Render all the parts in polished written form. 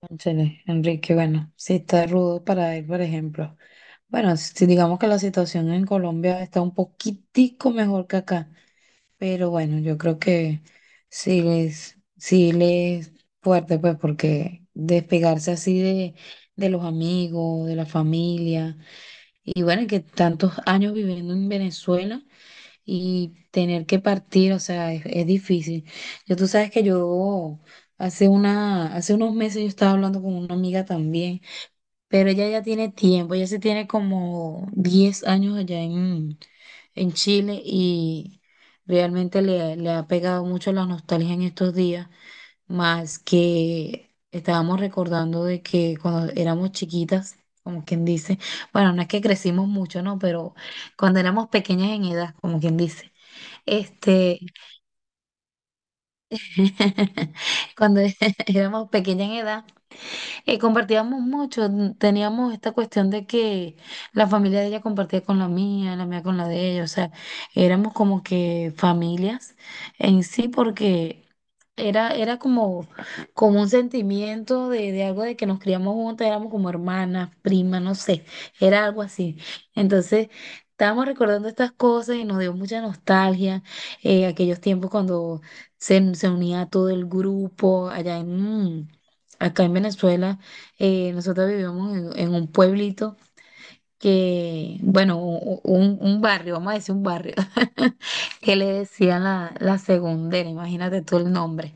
Cónchale, Enrique, bueno, sí está rudo para él, por ejemplo. Bueno, si digamos que la situación en Colombia está un poquitico mejor que acá, pero bueno, yo creo que sí les fuerte, pues, porque despegarse así de los amigos, de la familia, y bueno, y que tantos años viviendo en Venezuela y tener que partir, o sea, es difícil. Yo, tú sabes que yo hace unos meses yo estaba hablando con una amiga también, pero ella ya tiene tiempo, ella se tiene como 10 años allá en Chile y realmente le ha pegado mucho la nostalgia en estos días, más que estábamos recordando de que cuando éramos chiquitas, como quien dice, bueno, no es que crecimos mucho, ¿no? Pero cuando éramos pequeñas en edad, como quien dice. Este, cuando éramos pequeña en edad, compartíamos mucho, teníamos esta cuestión de que la familia de ella compartía con la mía con la de ella, o sea, éramos como que familias en sí porque era como, como un sentimiento de algo de que nos criamos juntas, éramos como hermanas, primas, no sé, era algo así. Entonces... Estábamos recordando estas cosas y nos dio mucha nostalgia, aquellos tiempos cuando se unía todo el grupo allá en, acá en Venezuela, nosotros vivimos en un pueblito que, bueno, un barrio, vamos a decir un barrio, que le decían la segundera, imagínate tú el nombre.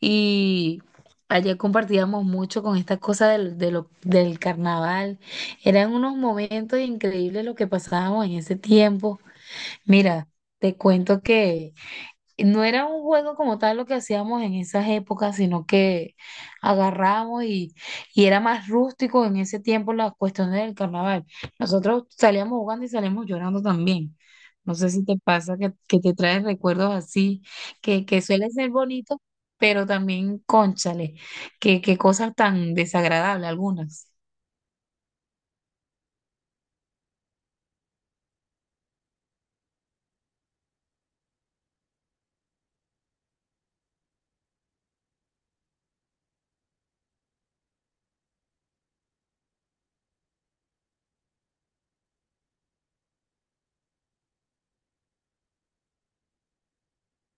Y ayer compartíamos mucho con esta cosa del carnaval. Eran unos momentos increíbles lo que pasábamos en ese tiempo. Mira, te cuento que no era un juego como tal lo que hacíamos en esas épocas, sino que agarramos y era más rústico en ese tiempo las cuestiones del carnaval. Nosotros salíamos jugando y salíamos llorando también. No sé si te pasa que te traes recuerdos así, que suelen ser bonitos, pero también, cónchale, que cosas tan desagradables algunas.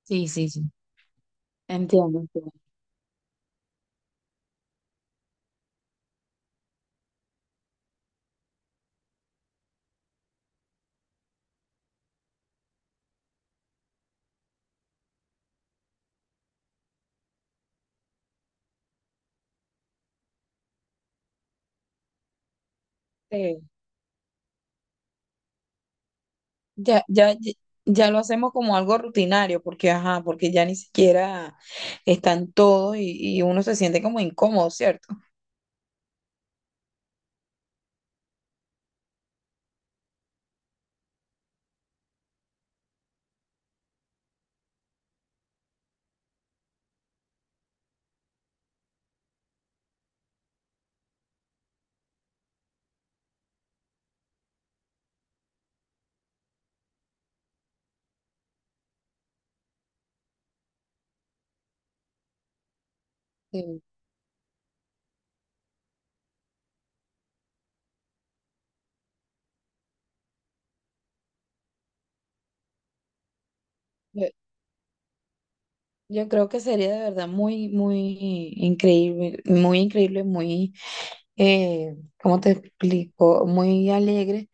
Sí, sí, sí. Entiendo, entiendo. Ya, ya, ya lo hacemos como algo rutinario, porque ajá, porque ya ni siquiera están todos y uno se siente como incómodo, ¿cierto? Sí. Yo, yo creo que sería de verdad muy, muy increíble, muy increíble, muy, eh, ¿cómo te explico? Muy alegre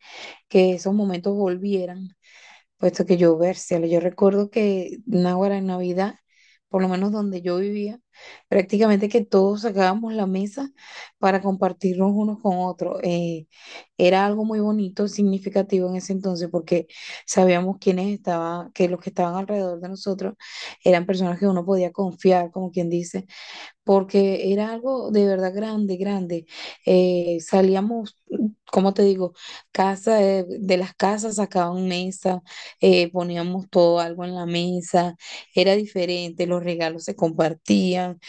que esos momentos volvieran puesto que yo versela. Yo recuerdo que Náguara en Navidad, por lo menos donde yo vivía, prácticamente que todos sacábamos la mesa para compartirnos unos con otros. Era algo muy bonito, significativo en ese entonces, porque sabíamos quiénes estaban, que los que estaban alrededor de nosotros eran personas que uno podía confiar, como quien dice porque era algo de verdad grande, grande. Salíamos, ¿cómo te digo? Casa, de las casas sacaban mesa, poníamos todo algo en la mesa, era diferente, los regalos se compartían,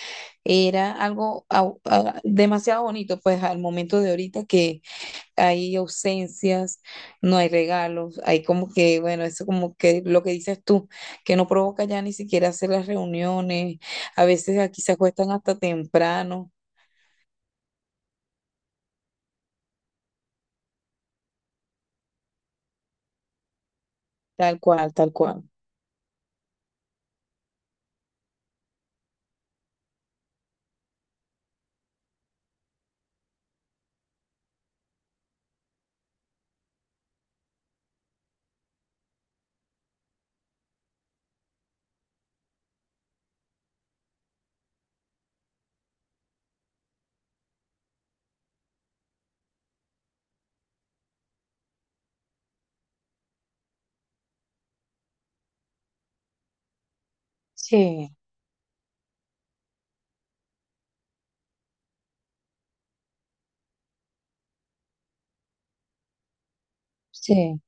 era algo demasiado bonito, pues al momento de ahorita que hay ausencias, no hay regalos, hay como que, bueno, eso como que lo que dices tú, que no provoca ya ni siquiera hacer las reuniones, a veces aquí se acuestan hasta temprano, tal cual, tal cual. Sí, sí.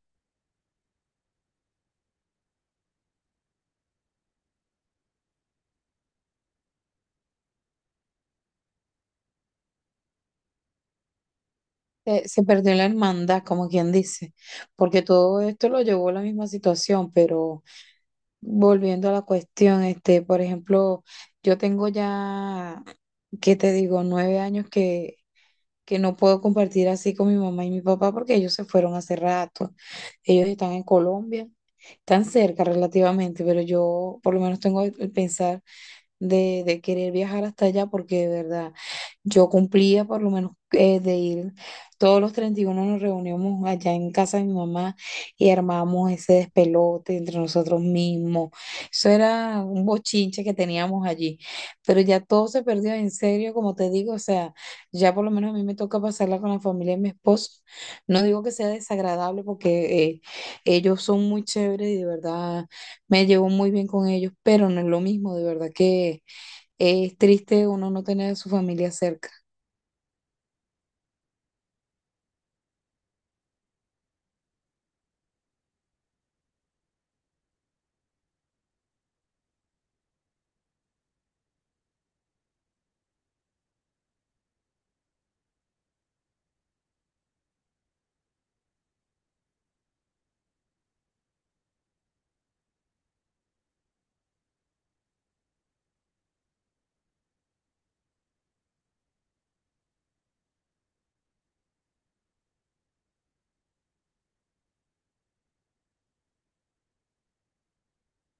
Se perdió la hermandad, como quien dice, porque todo esto lo llevó a la misma situación, pero volviendo a la cuestión, este, por ejemplo, yo tengo ya, ¿qué te digo? 9 años que no puedo compartir así con mi mamá y mi papá porque ellos se fueron hace rato. Ellos están en Colombia, están cerca relativamente, pero yo por lo menos tengo el pensar de querer viajar hasta allá porque de verdad yo cumplía por lo menos de ir. Todos los 31 nos reuníamos allá en casa de mi mamá y armábamos ese despelote entre nosotros mismos. Eso era un bochinche que teníamos allí, pero ya todo se perdió en serio, como te digo, o sea, ya por lo menos a mí me toca pasarla con la familia de mi esposo. No digo que sea desagradable porque ellos son muy chéveres y de verdad me llevo muy bien con ellos, pero no es lo mismo, de verdad que es triste uno no tener a su familia cerca.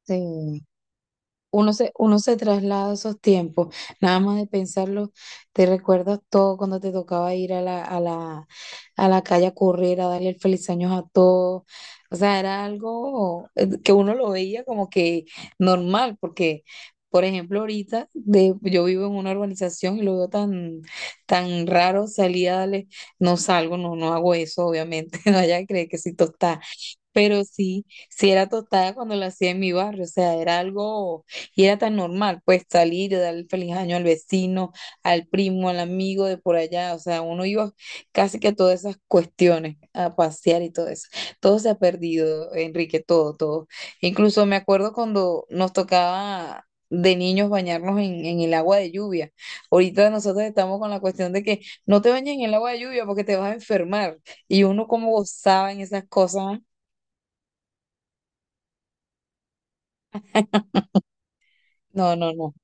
Sí. Uno se traslada a esos tiempos, nada más de pensarlo, te recuerdas todo cuando te tocaba ir a a la calle a correr, a darle el feliz año a todos. O sea, era algo que uno lo veía como que normal, porque, por ejemplo, yo vivo en una urbanización y lo veo tan, tan raro salir a darle, no salgo, no, no hago eso, obviamente, no vaya a creer que soy tostada. Pero sí, sí era tostada cuando lo hacía en mi barrio, o sea, era algo, y era tan normal, pues salir y darle el feliz año al vecino, al primo, al amigo de por allá, o sea, uno iba casi que a todas esas cuestiones, a pasear y todo eso. Todo se ha perdido, Enrique, todo, todo. Incluso me acuerdo cuando nos tocaba de niños bañarnos en el agua de lluvia. Ahorita nosotros estamos con la cuestión de que no te bañes en el agua de lluvia porque te vas a enfermar. Y uno como gozaba en esas cosas. No, no, no,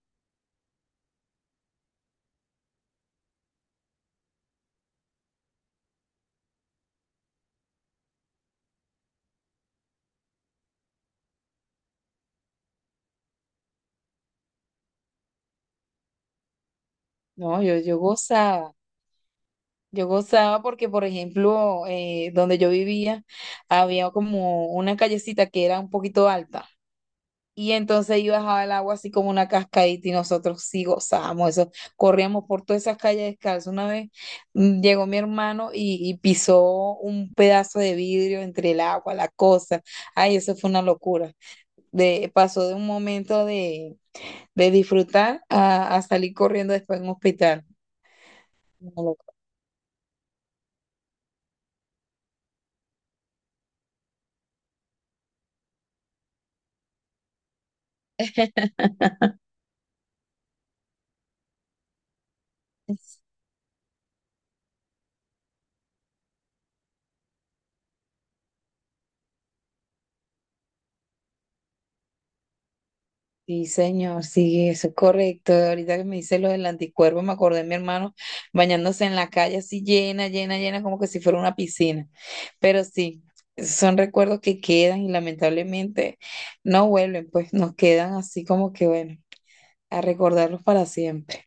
no, yo, yo gozaba porque, por ejemplo, donde yo vivía había como una callecita que era un poquito alta y entonces ahí bajaba el agua así como una cascadita y nosotros sí gozábamos eso, corríamos por todas esas calles descalzos. Una vez llegó mi hermano y pisó un pedazo de vidrio entre el agua, la cosa, ay, eso fue una locura. Pasó de un momento de disfrutar a salir corriendo después en un hospital. Sí, señor, sí, eso es correcto. Ahorita que me dice lo del anticuerpo, me acordé de mi hermano bañándose en la calle así llena, llena, llena, como que si fuera una piscina. Pero sí, son recuerdos que quedan y lamentablemente no vuelven, pues nos quedan así como que, bueno, a recordarlos para siempre.